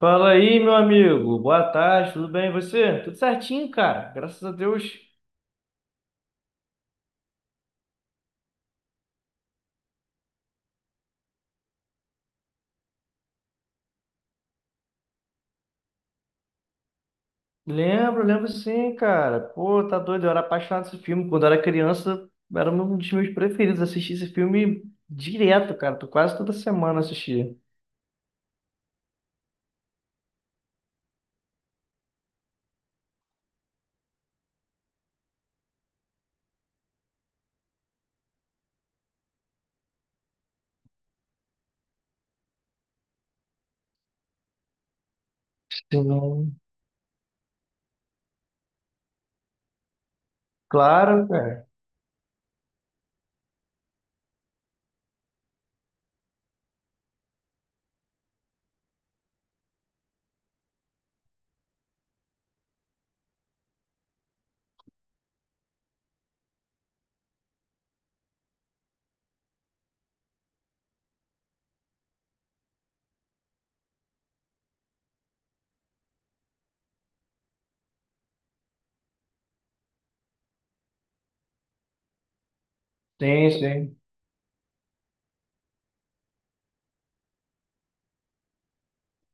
Fala aí, meu amigo. Boa tarde, tudo bem? E você? Tudo certinho, cara. Graças a Deus. Lembro, lembro sim, cara. Pô, tá doido. Eu era apaixonado por esse filme. Quando eu era criança, era um dos meus preferidos. Assisti esse filme direto, cara. Tô quase toda semana assistia. Sim. Claro, cara. Sim, sim.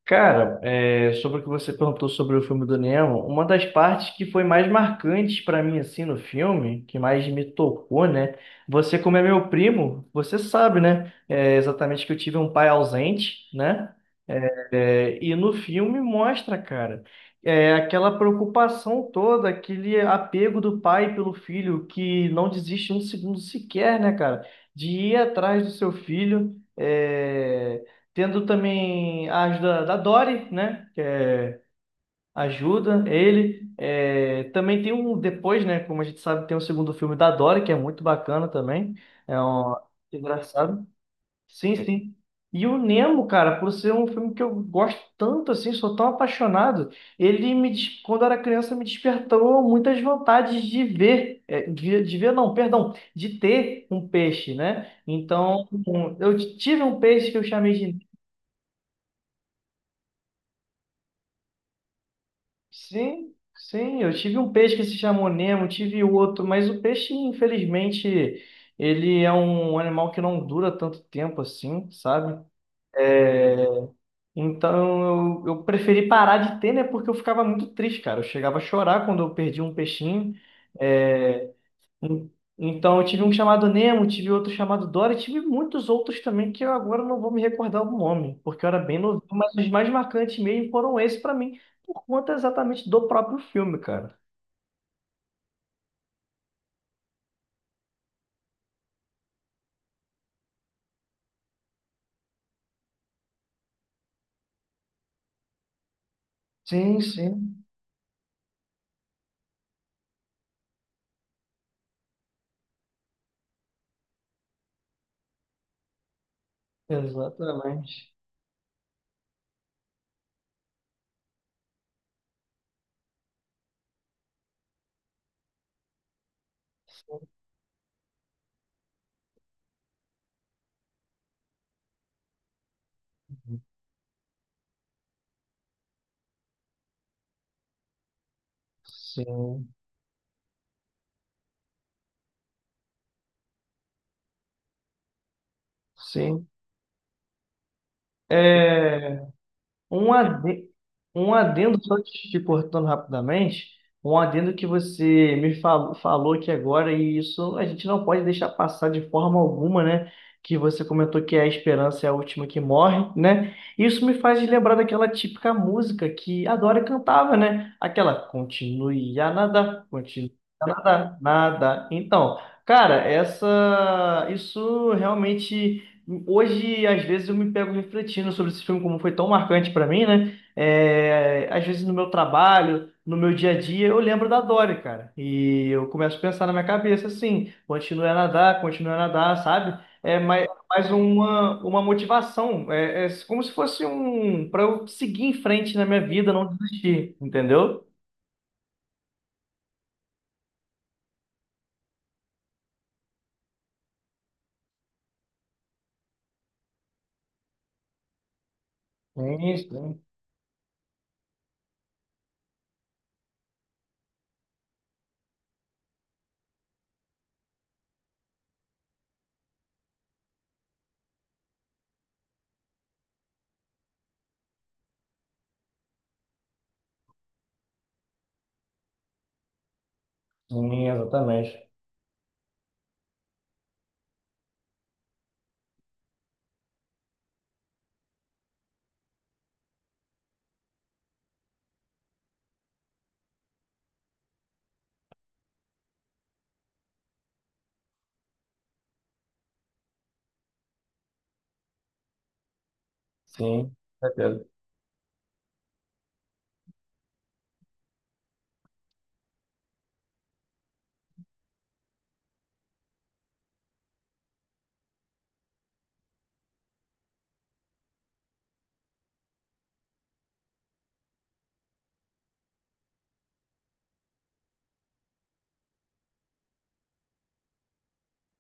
Cara, é, sobre o que você perguntou sobre o filme do Nemo, uma das partes que foi mais marcante pra mim assim no filme, que mais me tocou, né? Você, como é meu primo, você sabe, né? É, exatamente que eu tive um pai ausente, né? É, e no filme mostra, cara, é, aquela preocupação toda, aquele apego do pai pelo filho, que não desiste um segundo sequer, né, cara, de ir atrás do seu filho, é, tendo também a ajuda da Dory, né, que é, ajuda ele. É, também tem um, depois, né, como a gente sabe, tem um segundo filme da Dory, que é muito bacana também, é um, engraçado. Sim, sim. E o Nemo, cara, por ser um filme que eu gosto tanto assim, sou tão apaixonado, quando eu era criança, me despertou muitas vontades de ver, é, de ver não, perdão, de ter um peixe, né? Então, eu tive um peixe que eu chamei de... Sim, sim, eu tive um peixe que se chamou Nemo, tive outro, mas o peixe, infelizmente, ele é um animal que não dura tanto tempo assim, sabe? É, então eu preferi parar de ter, né? Porque eu ficava muito triste, cara. Eu chegava a chorar quando eu perdi um peixinho. É, en- Então eu tive um chamado Nemo, tive outro chamado Dory, tive muitos outros também que eu agora não vou me recordar o nome, porque eu era bem novo, mas os mais marcantes mesmo foram esses pra mim, por conta exatamente do próprio filme, cara. Sim, sim, exatamente. Sim, sim. é Um adendo, um adendo, só te cortando rapidamente, um adendo que você me falou, falou aqui agora, e isso a gente não pode deixar passar de forma alguma, né? Que você comentou que é a esperança é a última que morre, né? Isso me faz lembrar daquela típica música que a Dora cantava, né? Aquela continue a nadar, nada. Então, cara, essa, isso realmente. Hoje, às vezes, eu me pego refletindo sobre esse filme, como foi tão marcante para mim, né? É, às vezes, no meu trabalho, no meu dia a dia, eu lembro da Dory, cara. E eu começo a pensar na minha cabeça assim: continue a nadar, sabe? É mais uma motivação. É como se fosse para eu seguir em frente na minha vida, não desistir, entendeu? Sim, sim, sim, exatamente. Sim, certeza.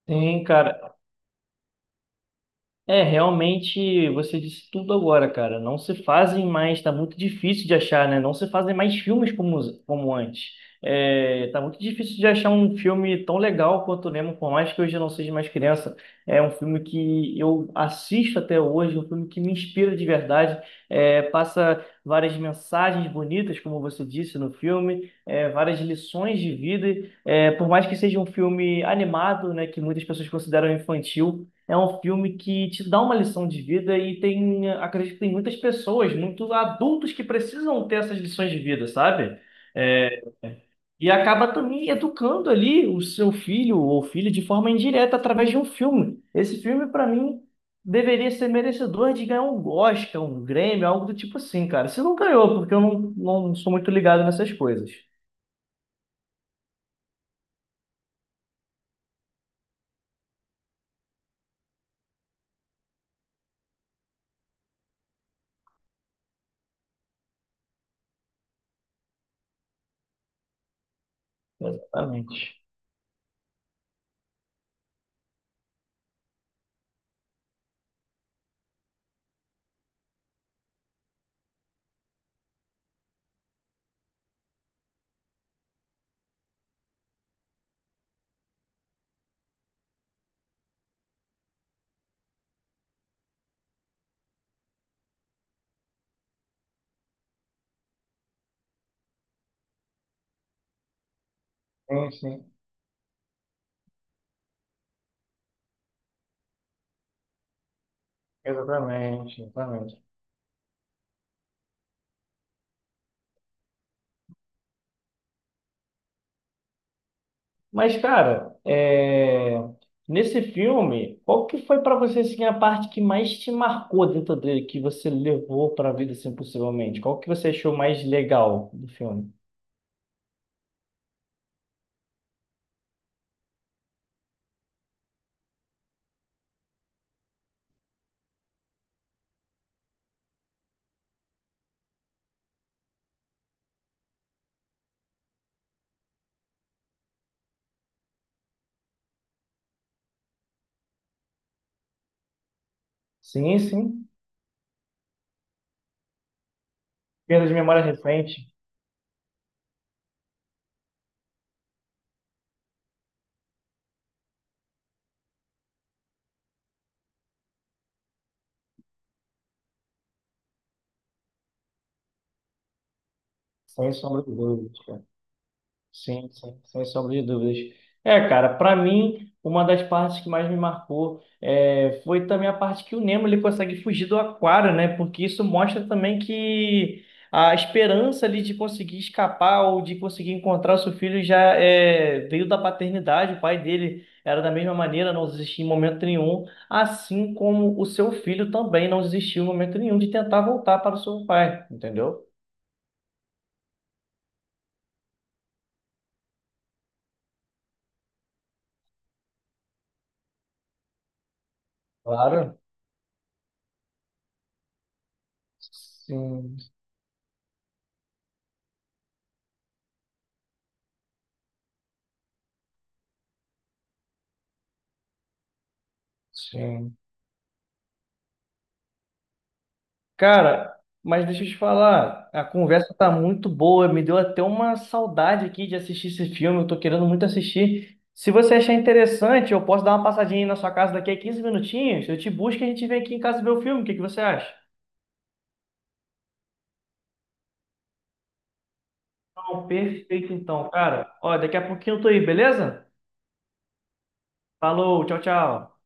Sim, cara, é, realmente, você disse tudo agora, cara. Não se fazem mais, tá muito difícil de achar, né? Não se fazem mais filmes como, como antes. É, tá muito difícil de achar um filme tão legal quanto o Nemo, por mais que hoje eu não seja mais criança. É um filme que eu assisto até hoje, um filme que me inspira de verdade. É, passa várias mensagens bonitas, como você disse no filme, é, várias lições de vida. É, por mais que seja um filme animado, né, que muitas pessoas consideram infantil. É um filme que te dá uma lição de vida e tem, acredito que tem muitas pessoas, muitos adultos que precisam ter essas lições de vida, sabe? É, e acaba também educando ali o seu filho ou filha de forma indireta através de um filme. Esse filme, para mim, deveria ser merecedor de ganhar um Oscar, um Grêmio, algo do tipo assim, cara. Se não ganhou, porque eu não sou muito ligado nessas coisas. Exatamente. Sim, sim, exatamente, exatamente. Mas, cara, é, nesse filme, qual que foi pra você assim, a parte que mais te marcou dentro dele, que você levou pra vida, assim, possivelmente? Qual que você achou mais legal do filme? Sim, sim. Perda de memória recente, sem sombra de dúvida. Sim, sim, sem sombra de dúvidas. É, cara, pra mim, uma das partes que mais me marcou foi também a parte que o Nemo ele consegue fugir do aquário, né? Porque isso mostra também que a esperança ali de conseguir escapar ou de conseguir encontrar o seu filho já é, veio da paternidade. O pai dele era da mesma maneira, não desistia em momento nenhum, assim como o seu filho também não desistiu em momento nenhum de tentar voltar para o seu pai, entendeu? Claro. Sim, sim. Cara, mas deixa eu te falar, a conversa tá muito boa, me deu até uma saudade aqui de assistir esse filme, eu tô querendo muito assistir. Se você achar interessante, eu posso dar uma passadinha aí na sua casa daqui a 15 minutinhos, eu te busco e a gente vem aqui em casa ver o filme, o que que você acha? Não, perfeito então, cara. Ó, daqui a pouquinho eu tô aí, beleza? Falou, tchau, tchau.